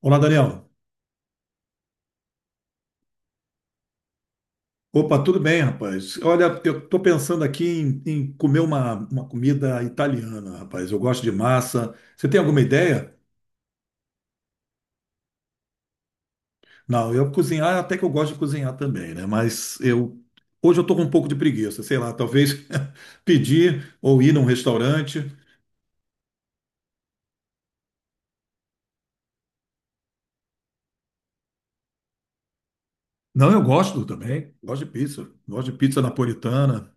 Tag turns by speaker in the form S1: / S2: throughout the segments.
S1: Olá, Daniel. Opa, tudo bem, rapaz? Olha, eu tô pensando aqui em comer uma comida italiana, rapaz. Eu gosto de massa. Você tem alguma ideia? Não, eu cozinhar, até que eu gosto de cozinhar também, né? Mas eu hoje eu tô com um pouco de preguiça, sei lá, talvez pedir ou ir num restaurante. Não, eu gosto também. Gosto de pizza. Gosto de pizza napolitana.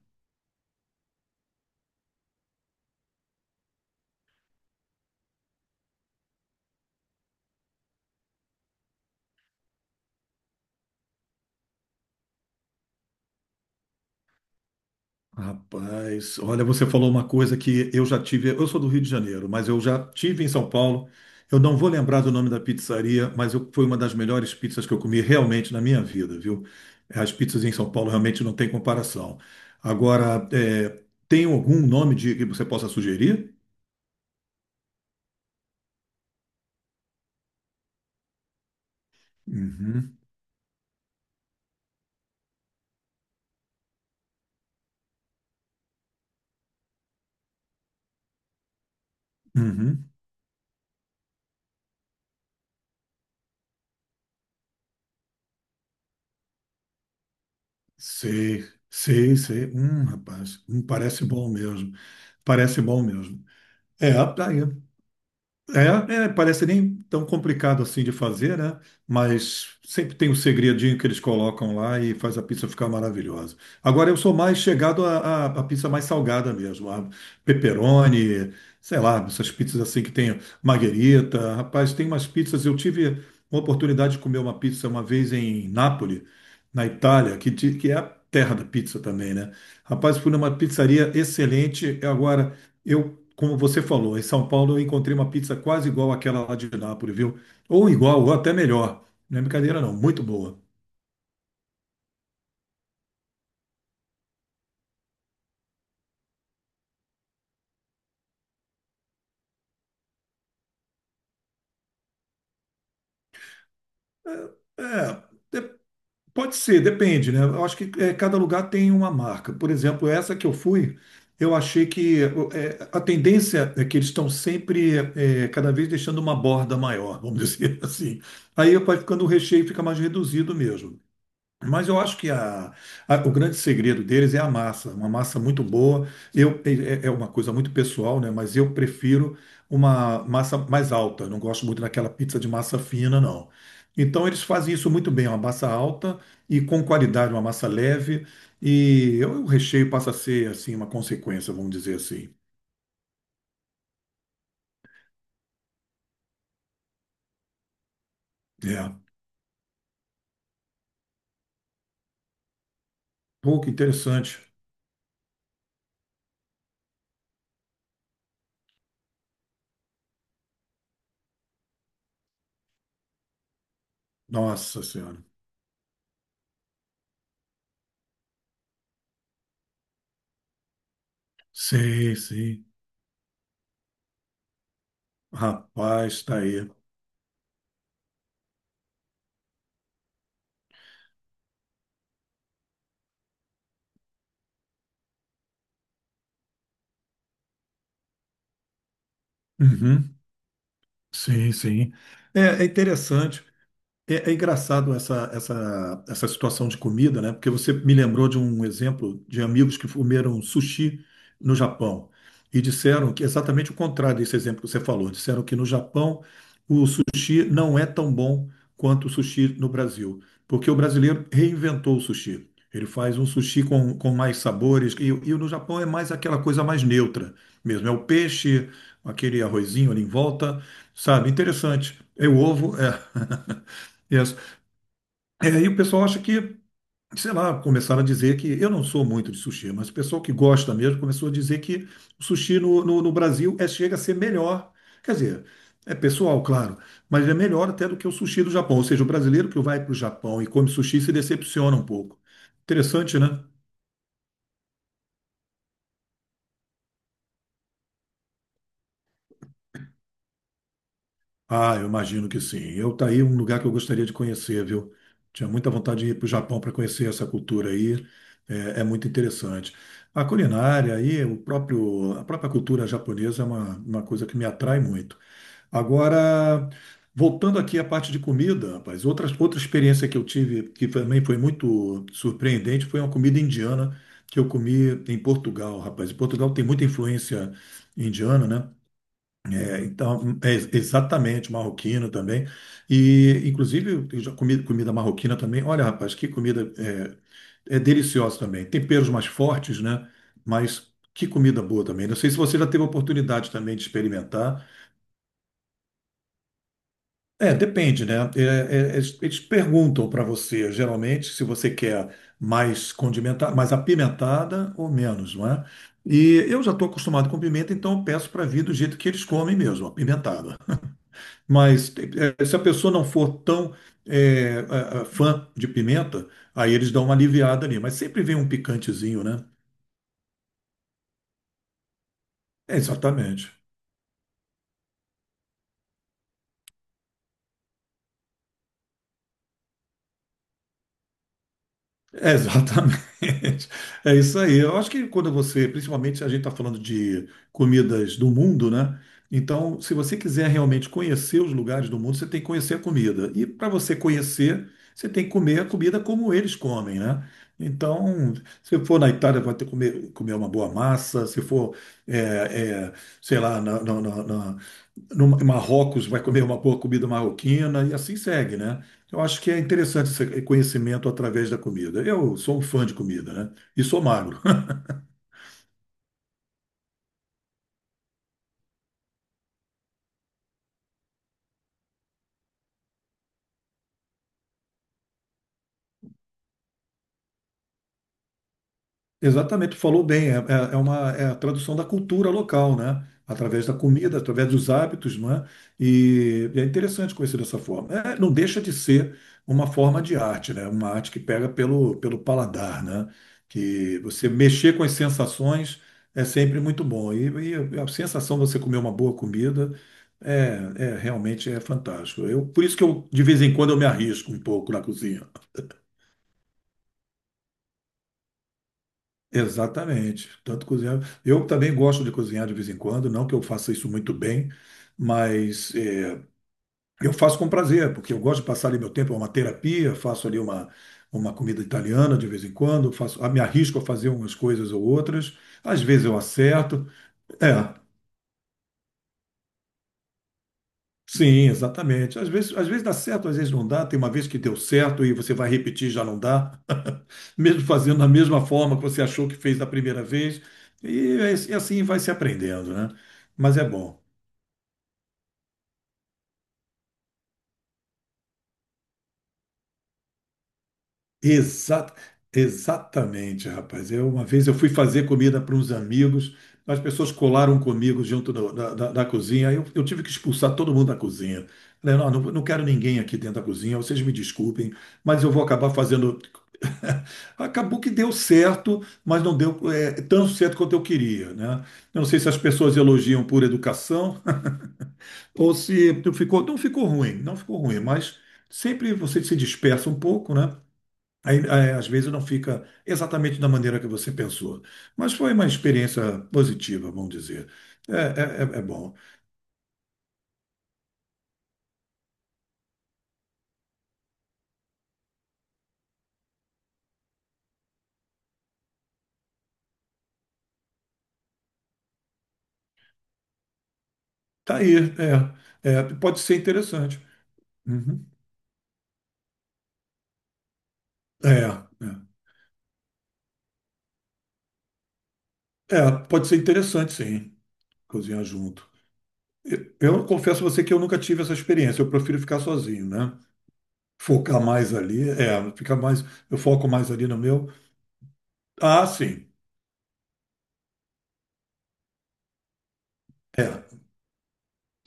S1: Rapaz, olha, você falou uma coisa que eu já tive. Eu sou do Rio de Janeiro, mas eu já tive em São Paulo. Eu não vou lembrar do nome da pizzaria, foi uma das melhores pizzas que eu comi realmente na minha vida, viu? As pizzas em São Paulo realmente não têm comparação. Agora, é, tem algum nome de que você possa sugerir? Uhum, uhum. Sei, sei, sei. Rapaz, parece bom mesmo. Parece bom mesmo. É, tá aí. É, é, parece nem tão complicado assim de fazer, né? Mas sempre tem um segredinho que eles colocam lá e faz a pizza ficar maravilhosa. Agora eu sou mais chegado à pizza mais salgada mesmo, a pepperoni, sei lá, essas pizzas assim que tem marguerita. Rapaz, tem umas pizzas. Eu tive uma oportunidade de comer uma pizza uma vez em Nápoles, na Itália, que é a terra da pizza também, né? Rapaz, fui numa pizzaria excelente. Agora. Eu como você falou, em São Paulo eu encontrei uma pizza quase igual àquela lá de Nápoles, viu? Ou igual, ou até melhor. Não é brincadeira, não. Muito boa. É, de- pode ser, depende, né? Eu acho que é, cada lugar tem uma marca. Por exemplo, essa que eu fui, eu achei que é, a tendência é que eles estão sempre é, cada vez deixando uma borda maior, vamos dizer assim. Aí vai ficando o recheio fica mais reduzido mesmo. Mas eu acho que o grande segredo deles é a massa, uma massa muito boa. Eu, é, é uma coisa muito pessoal, né? Mas eu prefiro uma massa mais alta. Não gosto muito daquela pizza de massa fina, não. Então eles fazem isso muito bem, uma massa alta e com qualidade, uma massa leve. O recheio passa a ser assim uma consequência, vamos dizer assim. É. Pô, que interessante. Nossa Senhora. Sei, sei. Rapaz, tá aí. Uhum. Sim, sim. É, é interessante. É, é engraçado essa situação de comida, né? Porque você me lembrou de um exemplo de amigos que comeram sushi no Japão e disseram que é exatamente o contrário desse exemplo que você falou. Disseram que no Japão o sushi não é tão bom quanto o sushi no Brasil, porque o brasileiro reinventou o sushi. Ele faz um sushi com mais sabores e no Japão é mais aquela coisa mais neutra mesmo. É o peixe, aquele arrozinho ali em volta, sabe? Interessante. É o ovo, é. É, e o pessoal acha que, sei lá, começaram a dizer que eu não sou muito de sushi, mas o pessoal que gosta mesmo começou a dizer que o sushi no Brasil é, chega a ser melhor. Quer dizer, é pessoal, claro, mas é melhor até do que o sushi do Japão. Ou seja, o brasileiro que vai para o Japão e come sushi se decepciona um pouco. Interessante, né? Ah, eu imagino que sim. Eu tá aí um lugar que eu gostaria de conhecer, viu? Tinha muita vontade de ir para o Japão para conhecer essa cultura aí. É, é muito interessante. A culinária e o próprio, a própria cultura japonesa é uma coisa que me atrai muito. Agora, voltando aqui à parte de comida, rapaz, outra experiência que eu tive que também foi muito surpreendente foi uma comida indiana que eu comi em Portugal, rapaz. Em Portugal tem muita influência indiana, né? É, então, exatamente, marroquino também. E, inclusive, eu já comi comida marroquina também. Olha, rapaz, que comida é deliciosa também. Temperos mais fortes, né? Mas que comida boa também. Não sei se você já teve a oportunidade também de experimentar. É, depende, né? É, é, eles perguntam para você, geralmente, se você quer mais condimentada, mais apimentada ou menos, não é? E eu já estou acostumado com pimenta, então eu peço para vir do jeito que eles comem mesmo, apimentada. Mas se a pessoa não for tão fã de pimenta, aí eles dão uma aliviada ali. Mas sempre vem um picantezinho, né? É, exatamente. É, exatamente. É isso aí. Eu acho que quando você, principalmente a gente está falando de comidas do mundo, né? Então, se você quiser realmente conhecer os lugares do mundo, você tem que conhecer a comida. E para você conhecer, você tem que comer a comida como eles comem, né? Então, se for na Itália, vai ter que comer uma boa massa. Se for, é, é, sei lá, no Marrocos, vai comer uma boa comida marroquina e assim segue, né? Eu acho que é interessante esse conhecimento através da comida. Eu sou um fã de comida, né? E sou magro. Exatamente, tu falou bem, é, é uma é a tradução da cultura local, né? Através da comida, através dos hábitos, não é? E é interessante conhecer dessa forma. É, não deixa de ser uma forma de arte, né? Uma arte que pega pelo, pelo paladar, né? Que você mexer com as sensações é sempre muito bom. E a sensação de você comer uma boa comida é realmente é fantástico. Eu, por isso que eu, de vez em quando eu me arrisco um pouco na cozinha. Exatamente. Tanto cozinhar. Eu também gosto de cozinhar de vez em quando, não que eu faça isso muito bem, mas eu faço com prazer, porque eu gosto de passar ali meu tempo, é uma terapia, faço ali uma comida italiana de vez em quando, faço, ah, me arrisco a fazer umas coisas ou outras, às vezes eu acerto. É, sim, exatamente. Às vezes dá certo, às vezes não dá. Tem uma vez que deu certo e você vai repetir, e já não dá, mesmo fazendo da mesma forma que você achou que fez da primeira vez, e, e assim vai se aprendendo, né? Mas é bom. Exa- exatamente, rapaz. Eu, uma vez eu fui fazer comida para uns amigos, as pessoas colaram comigo junto da cozinha, aí eu tive que expulsar todo mundo da cozinha. Falei, não, não, não quero ninguém aqui dentro da cozinha, vocês me desculpem, mas eu vou acabar fazendo. Acabou que deu certo, mas não deu é, tão certo quanto eu queria, né? Eu não sei se as pessoas elogiam por educação ou se ficou, não ficou ruim, não ficou ruim, mas sempre você se dispersa um pouco, né? Aí, é, às vezes não fica exatamente da maneira que você pensou, mas foi uma experiência positiva, vamos dizer. É, é, é bom. Tá aí, é, é, pode ser interessante. Uhum. É, é, é, pode ser interessante, sim, cozinhar junto. Eu confesso a você que eu nunca tive essa experiência. Eu prefiro ficar sozinho, né? Focar mais ali, é, ficar mais, eu foco mais ali no meu. Ah, sim. É.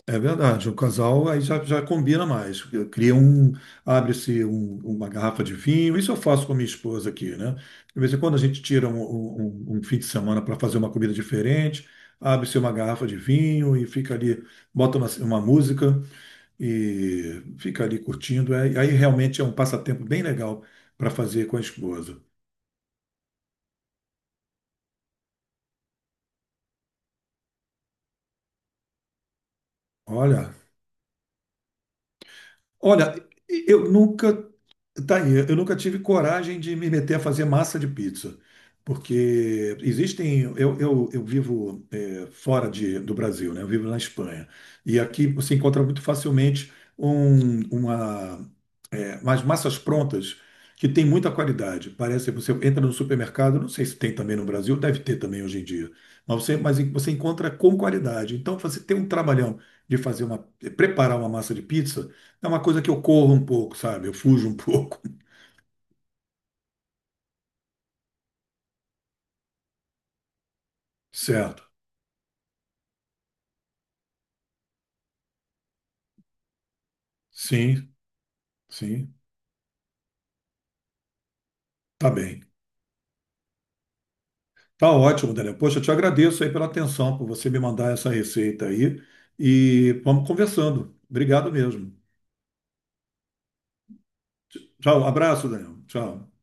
S1: É verdade, o casal aí já, já combina mais. Cria um, uma garrafa de vinho. Isso eu faço com a minha esposa aqui, né? De vez em quando a gente tira um, um um fim de semana para fazer uma comida diferente, abre-se uma garrafa de vinho e fica ali, bota uma música e fica ali curtindo. Aí realmente é um passatempo bem legal para fazer com a esposa. Olha, olha, eu nunca tá aí, eu nunca tive coragem de me meter a fazer massa de pizza, porque existem. Eu vivo fora de, do Brasil, né? Eu vivo na Espanha. E aqui você encontra muito facilmente um, uma, umas massas prontas que tem muita qualidade. Parece que você entra no supermercado, não sei se tem também no Brasil, deve ter também hoje em dia, mas você encontra com qualidade. Então você tem um trabalhão de fazer uma, preparar uma massa de pizza. É uma coisa que eu corro um pouco, sabe? Eu fujo um pouco. Certo. Sim, sim. Tá bem. Tá ótimo, Daniel. Poxa, eu te agradeço aí pela atenção, por você me mandar essa receita aí. E vamos conversando. Obrigado mesmo. Tchau, abraço, Daniel. Tchau.